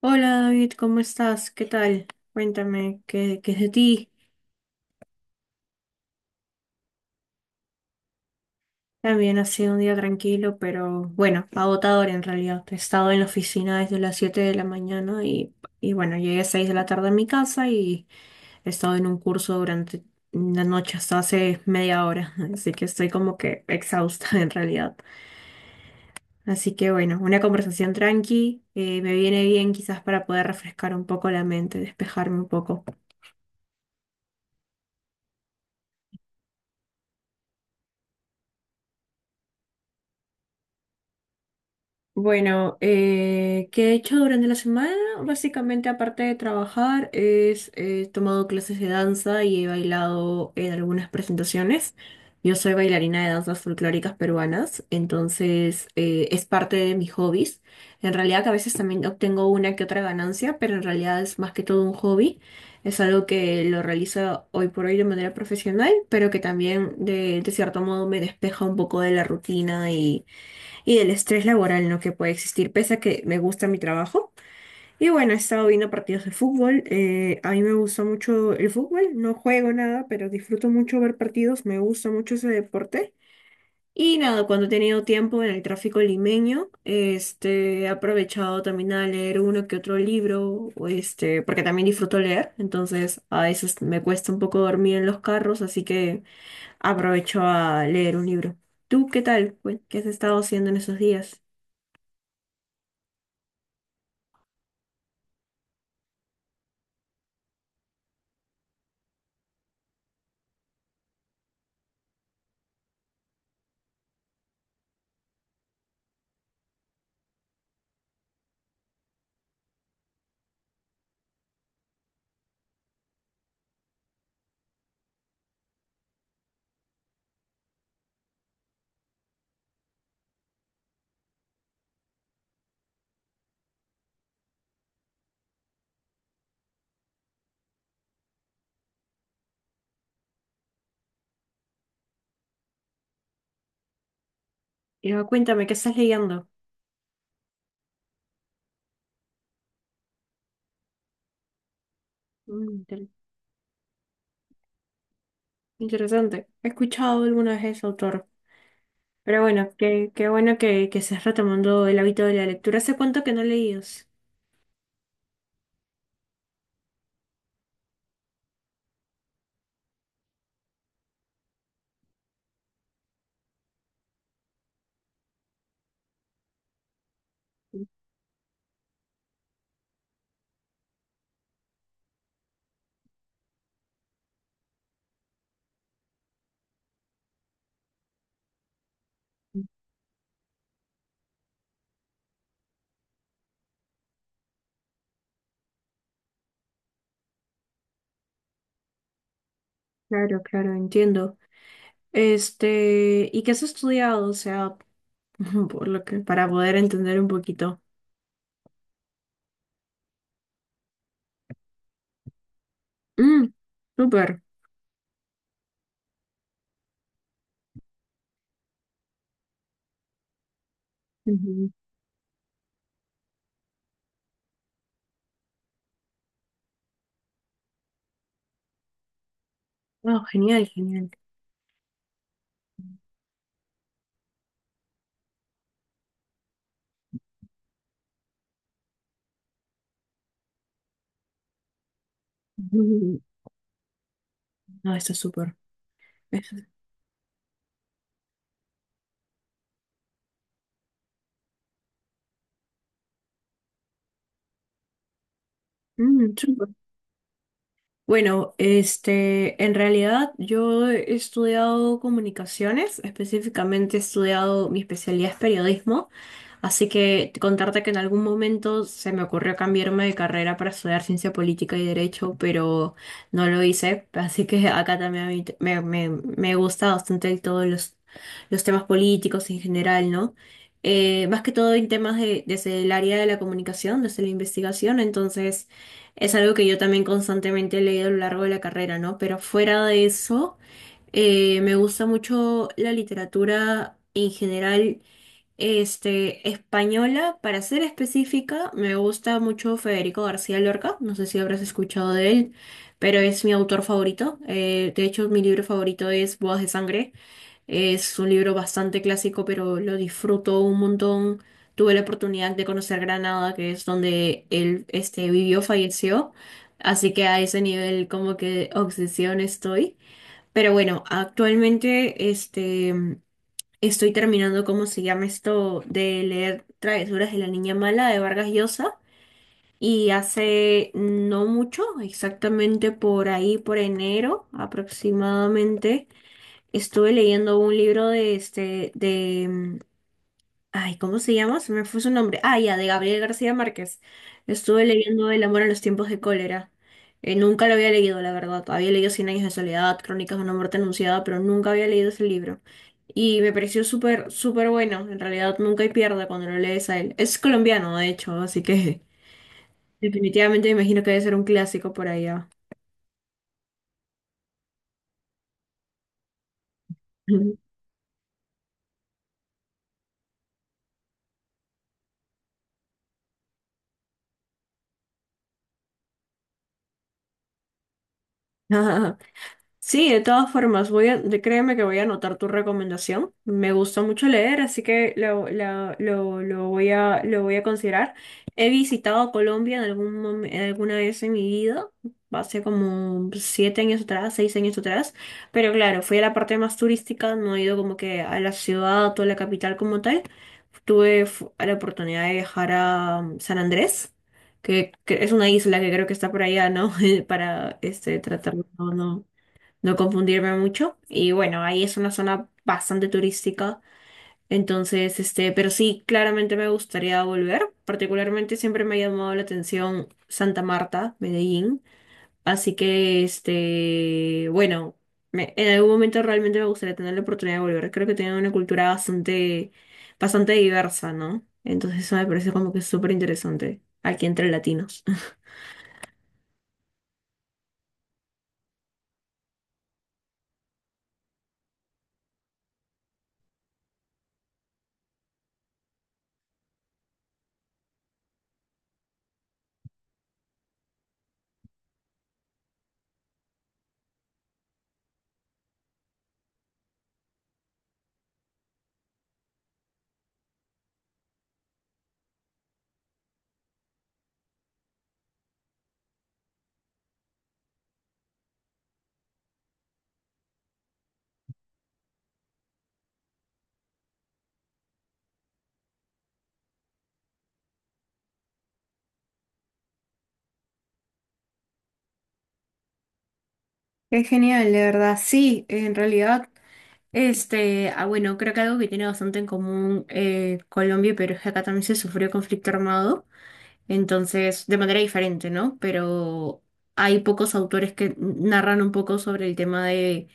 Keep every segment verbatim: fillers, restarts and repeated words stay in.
Hola David, ¿cómo estás? ¿Qué tal? Cuéntame, ¿qué, qué es de ti? También ha sido un día tranquilo, pero bueno, agotador en realidad. He estado en la oficina desde las siete de la mañana y, y bueno, llegué a seis de la tarde a mi casa y he estado en un curso durante la noche hasta hace media hora, así que estoy como que exhausta en realidad. Así que bueno, una conversación tranqui, eh, me viene bien quizás para poder refrescar un poco la mente, despejarme un poco. Bueno, eh, ¿qué he hecho durante la semana? Básicamente, aparte de trabajar, es, eh, he tomado clases de danza y he bailado en algunas presentaciones. Yo soy bailarina de danzas folclóricas peruanas, entonces eh, es parte de mis hobbies. En realidad que a veces también obtengo una que otra ganancia, pero en realidad es más que todo un hobby. Es algo que lo realizo hoy por hoy de manera profesional, pero que también de de cierto modo me despeja un poco de la rutina y y del estrés laboral, ¿no? Que puede existir, pese a que me gusta mi trabajo. Y bueno, he estado viendo partidos de fútbol. Eh, a mí me gusta mucho el fútbol, no juego nada, pero disfruto mucho ver partidos, me gusta mucho ese deporte. Y nada, cuando he tenido tiempo en el tráfico limeño, este, he aprovechado también a leer uno que otro libro, o este, porque también disfruto leer, entonces a veces me cuesta un poco dormir en los carros, así que aprovecho a leer un libro. ¿Tú qué tal? Cuen- ¿Qué has estado haciendo en esos días? Y ah, cuéntame, ¿qué estás leyendo? Mm, inter- interesante. He escuchado alguna vez ese autor. Pero bueno, qué, qué bueno que, que estés retomando el hábito de la lectura. ¿Hace cuánto que no leías? Claro, claro, entiendo. Este, ¿y qué has estudiado? O sea, por lo que, para poder entender un poquito. Mm, súper. Ujú. Oh, genial, genial. Ujú. No, está súper. Es- Mm, súper. Bueno, este, en realidad yo he estudiado comunicaciones, específicamente he estudiado, mi especialidad es periodismo. Así que contarte que en algún momento se me ocurrió cambiarme de carrera para estudiar ciencia política y derecho, pero no lo hice. Así que acá también a mí t- me, me, me gusta bastante todos los, los temas políticos en general, ¿no? Eh, más que todo en temas de, desde el área de la comunicación, desde la investigación, entonces es algo que yo también constantemente he leído a lo largo de la carrera, ¿no? Pero fuera de eso... Eh, me gusta mucho la literatura en general este, española, para ser específica, me gusta mucho Federico García Lorca, no sé si habrás escuchado de él, pero es mi autor favorito. Eh, de hecho, mi libro favorito es Bodas de Sangre. Es un libro bastante clásico, pero lo disfruto un montón. Tuve la oportunidad de conocer Granada, que es donde él, este, vivió, falleció, así que a ese nivel como que de obsesión estoy. Pero bueno, actualmente, este... Estoy terminando, ¿cómo se llama esto? De leer Travesuras de la Niña Mala de Vargas Llosa. Y hace no mucho, exactamente por ahí, por enero aproximadamente, estuve leyendo un libro de este, de ay, ¿cómo se llama? Se me fue su nombre. Ah, ya, de Gabriel García Márquez. Estuve leyendo El amor en los tiempos de cólera. Eh, nunca lo había leído, la verdad. Había leído Cien años de soledad, Crónicas de una muerte anunciada, pero nunca había leído ese libro. Y me pareció súper, súper bueno. En realidad, nunca hay pierde cuando lo lees a él. Es colombiano, de hecho, así que definitivamente me imagino que debe ser un clásico por allá. Sí, de todas formas, voy a, de- créeme que voy a anotar tu recomendación. Me gusta mucho leer, así que lo, la- lo, lo voy a, lo voy a considerar. He visitado Colombia en algún momen- en alguna vez en mi vida, hace como siete años atrás, seis años atrás, pero claro, fui a la parte más turística, no he ido como que a la ciudad o a la capital como tal. Tuve fu- la oportunidad de viajar a um, San Andrés. Que, que es una isla que creo que está por allá, ¿no? Para este tratar, no, no no confundirme mucho. Y bueno, ahí es una zona bastante turística. Entonces, este, pero sí, claramente me gustaría volver. Particularmente siempre me ha llamado la atención Santa Marta, Medellín. Así que, este, bueno, me- en algún momento realmente me gustaría tener la oportunidad de volver. Creo que tienen una cultura bastante, bastante diversa, ¿no? Entonces eso me parece como que súper interesante aquí entre latinos. Qué genial, de verdad. Sí, en realidad. Este, ah, bueno, creo que algo que tiene bastante en común eh, Colombia y Perú es que acá también se sufrió conflicto armado, entonces, de manera diferente, ¿no? Pero hay pocos autores que narran un poco sobre el tema de,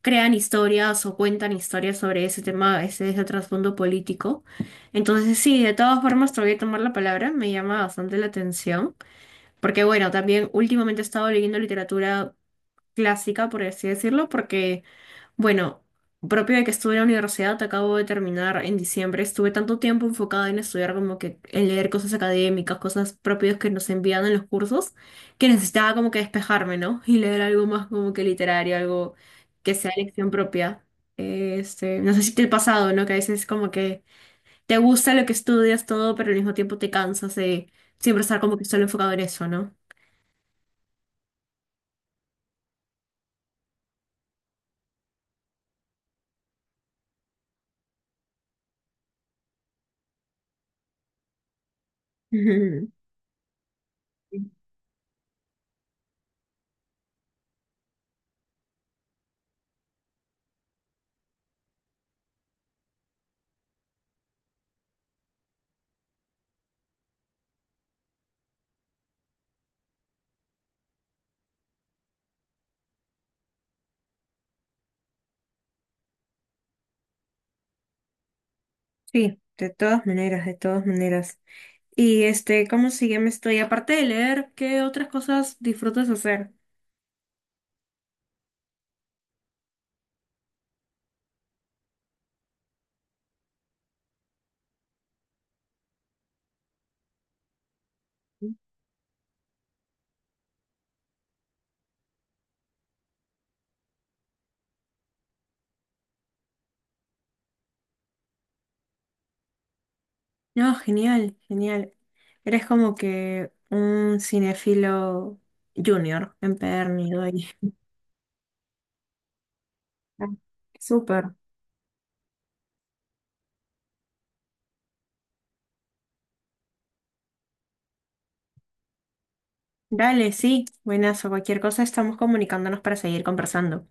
crean historias o cuentan historias sobre ese tema, ese, ese trasfondo político. Entonces, sí, de todas formas, te voy a tomar la palabra, me llama bastante la atención, porque bueno, también últimamente he estado leyendo literatura clásica, por así decirlo, porque... Bueno, propio de que estuve en la universidad, acabo de terminar en diciembre. Estuve tanto tiempo enfocada en estudiar como que en leer cosas académicas, cosas propias que nos envían en los cursos, que necesitaba como que despejarme, ¿no? Y leer algo más como que literario, algo que sea elección propia. Este, no sé si te ha pasado, ¿no? Que a veces como que te gusta lo que estudias todo, pero al mismo tiempo te cansas de siempre estar como que solo enfocado en eso, ¿no? Ujú. Sí, de todas maneras, de todas maneras. Y este, ¿cómo sigue? Me estoy, aparte de leer, ¿qué otras cosas disfrutas hacer? No, genial, genial. Eres como que un cinefilo junior, empedernido ahí. Ah, súper. Dale, sí, buenazo. Cualquier cosa estamos comunicándonos para seguir conversando.